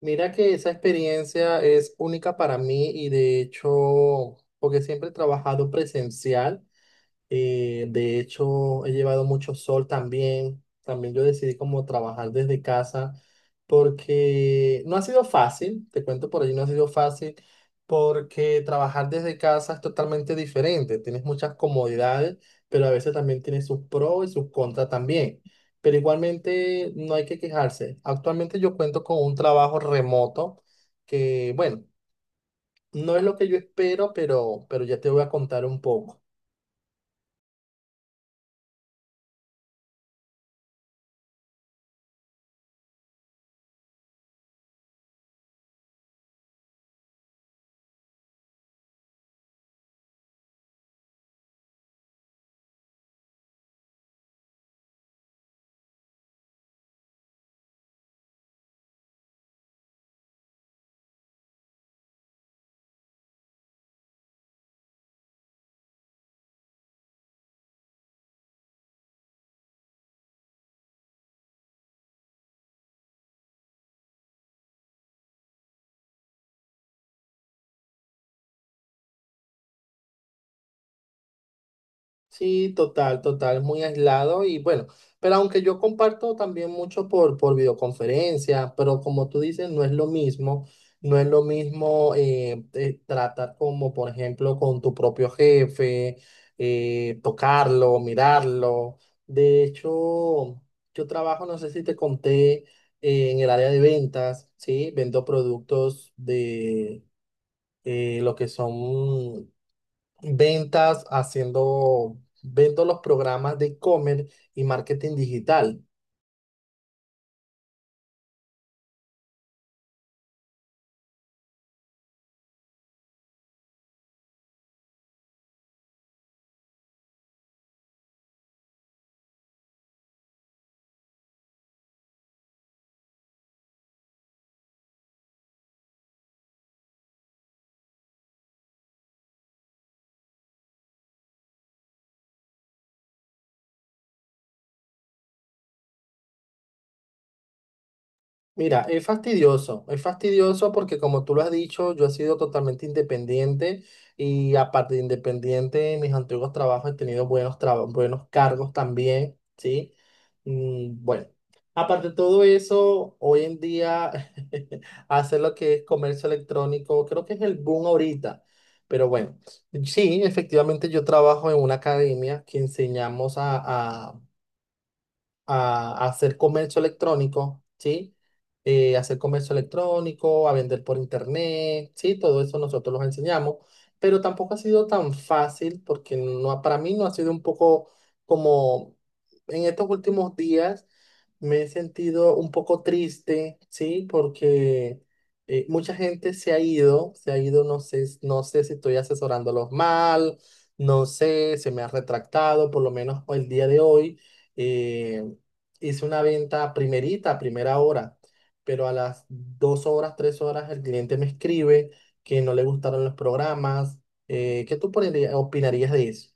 Mira que esa experiencia es única para mí y de hecho, porque siempre he trabajado presencial. De hecho, he llevado mucho sol también. También yo decidí como trabajar desde casa porque no ha sido fácil, te cuento por allí, no ha sido fácil porque trabajar desde casa es totalmente diferente. Tienes muchas comodidades, pero a veces también tiene sus pros y sus contras también. Pero igualmente no hay que quejarse. Actualmente yo cuento con un trabajo remoto que, bueno, no es lo que yo espero, pero ya te voy a contar un poco. Sí, total, total, muy aislado y bueno, pero aunque yo comparto también mucho por videoconferencia, pero como tú dices, no es lo mismo, no es lo mismo tratar como, por ejemplo, con tu propio jefe, tocarlo, mirarlo. De hecho, yo trabajo, no sé si te conté, en el área de ventas, ¿sí? Vendo productos de lo que son ventas, haciendo, vendo los programas de e-commerce y marketing digital. Mira, es fastidioso porque como tú lo has dicho, yo he sido totalmente independiente y aparte de independiente, en mis antiguos trabajos he tenido buenos, buenos cargos también, ¿sí? Bueno, aparte de todo eso, hoy en día hacer lo que es comercio electrónico, creo que es el boom ahorita, pero bueno, sí, efectivamente yo trabajo en una academia que enseñamos a hacer comercio electrónico, ¿sí? Hacer comercio electrónico, a vender por internet, ¿sí? Todo eso nosotros los enseñamos, pero tampoco ha sido tan fácil porque no, para mí no ha sido un poco como en estos últimos días me he sentido un poco triste, ¿sí? Porque mucha gente se ha ido, no sé si estoy asesorándolos mal, no sé, se me ha retractado, por lo menos el día de hoy. eh, hice una venta primerita, a primera hora, pero a las 2 horas, 3 horas, el cliente me escribe que no le gustaron los programas. ¿Qué tú opinarías de eso?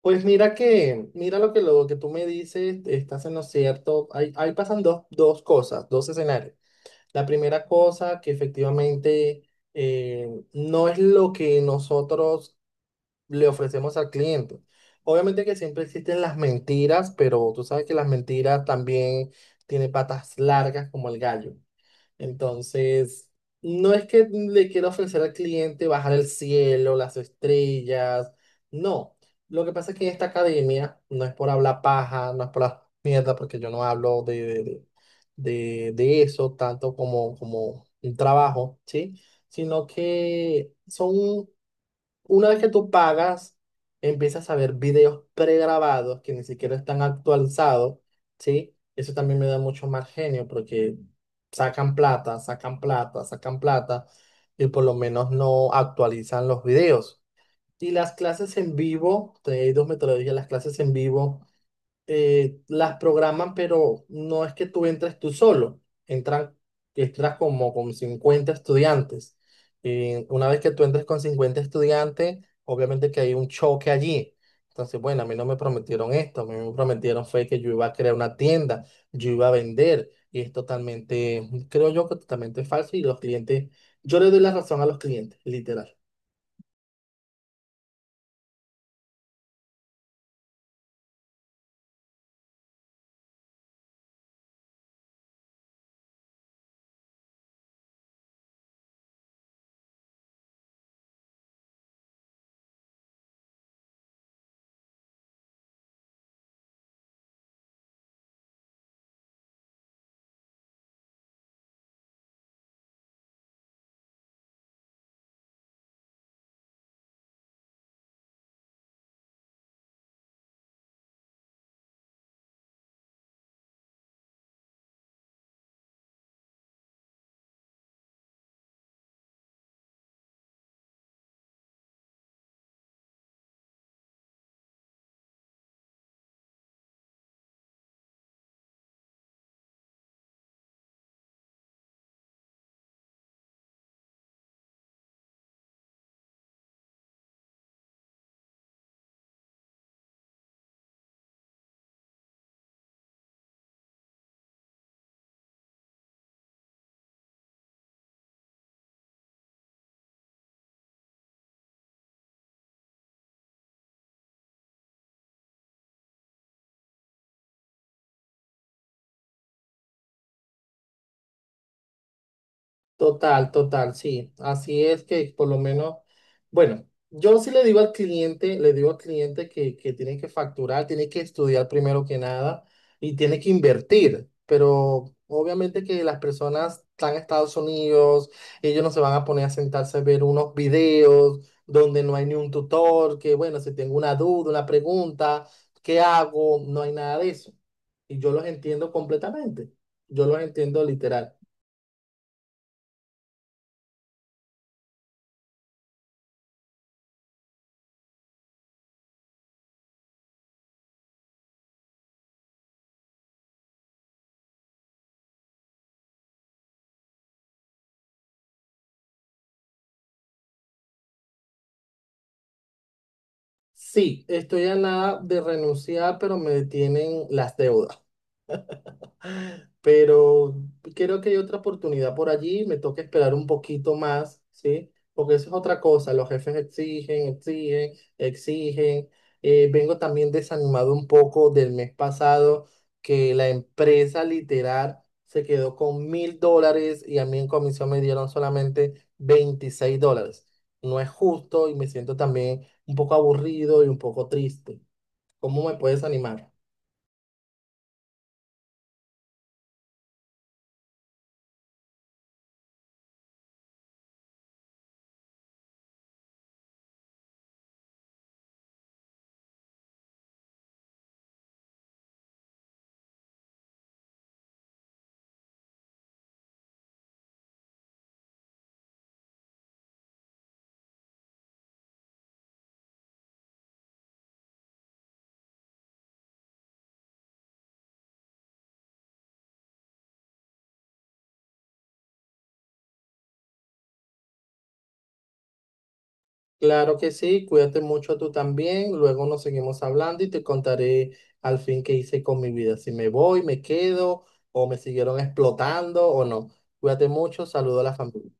Pues mira que, lo que tú me dices, estás en lo cierto. Ahí, pasan dos cosas, dos escenarios. La primera cosa que efectivamente no es lo que nosotros le ofrecemos al cliente. Obviamente que siempre existen las mentiras, pero tú sabes que las mentiras también tienen patas largas como el gallo. Entonces, no es que le quiera ofrecer al cliente bajar el cielo, las estrellas, no. Lo que pasa es que en esta academia no es por hablar paja, no es por la mierda, porque yo no hablo de eso tanto como, un trabajo, ¿sí? Sino que son una vez que tú pagas, empiezas a ver videos pregrabados que ni siquiera están actualizados, ¿sí? Eso también me da mucho más genio porque sacan plata, sacan plata, sacan plata y por lo menos no actualizan los videos. Y las clases en vivo, hay dos metodologías, las clases en vivo las programan, pero no es que tú entres tú solo, entran, entras como con 50 estudiantes. Y una vez que tú entres con 50 estudiantes, obviamente que hay un choque allí. Entonces, bueno, a mí no me prometieron esto, a mí me prometieron fue que yo iba a crear una tienda, yo iba a vender, y es totalmente, creo yo que totalmente falso, y los clientes, yo le doy la razón a los clientes, literal. Total, total, sí. Así es que por lo menos, bueno, yo sí le digo al cliente, le digo al cliente que tiene que facturar, tiene que estudiar primero que nada y tiene que invertir. Pero obviamente que las personas están en Estados Unidos, ellos no se van a poner a sentarse a ver unos videos donde no hay ni un tutor, que bueno, si tengo una duda, una pregunta, ¿qué hago? No hay nada de eso. Y yo los entiendo completamente. Yo los entiendo literal. Sí, estoy a nada de renunciar, pero me detienen las deudas. Pero creo que hay otra oportunidad por allí, me toca esperar un poquito más, ¿sí? Porque eso es otra cosa, los jefes exigen, exigen, exigen. Vengo también desanimado un poco del mes pasado, que la empresa literal se quedó con 1.000 dólares y a mí en comisión me dieron solamente 26 dólares. No es justo y me siento también un poco aburrido y un poco triste. ¿Cómo me puedes animar? Claro que sí, cuídate mucho tú también, luego nos seguimos hablando y te contaré al fin qué hice con mi vida, si me voy, me quedo o me siguieron explotando o no. Cuídate mucho, saludo a la familia.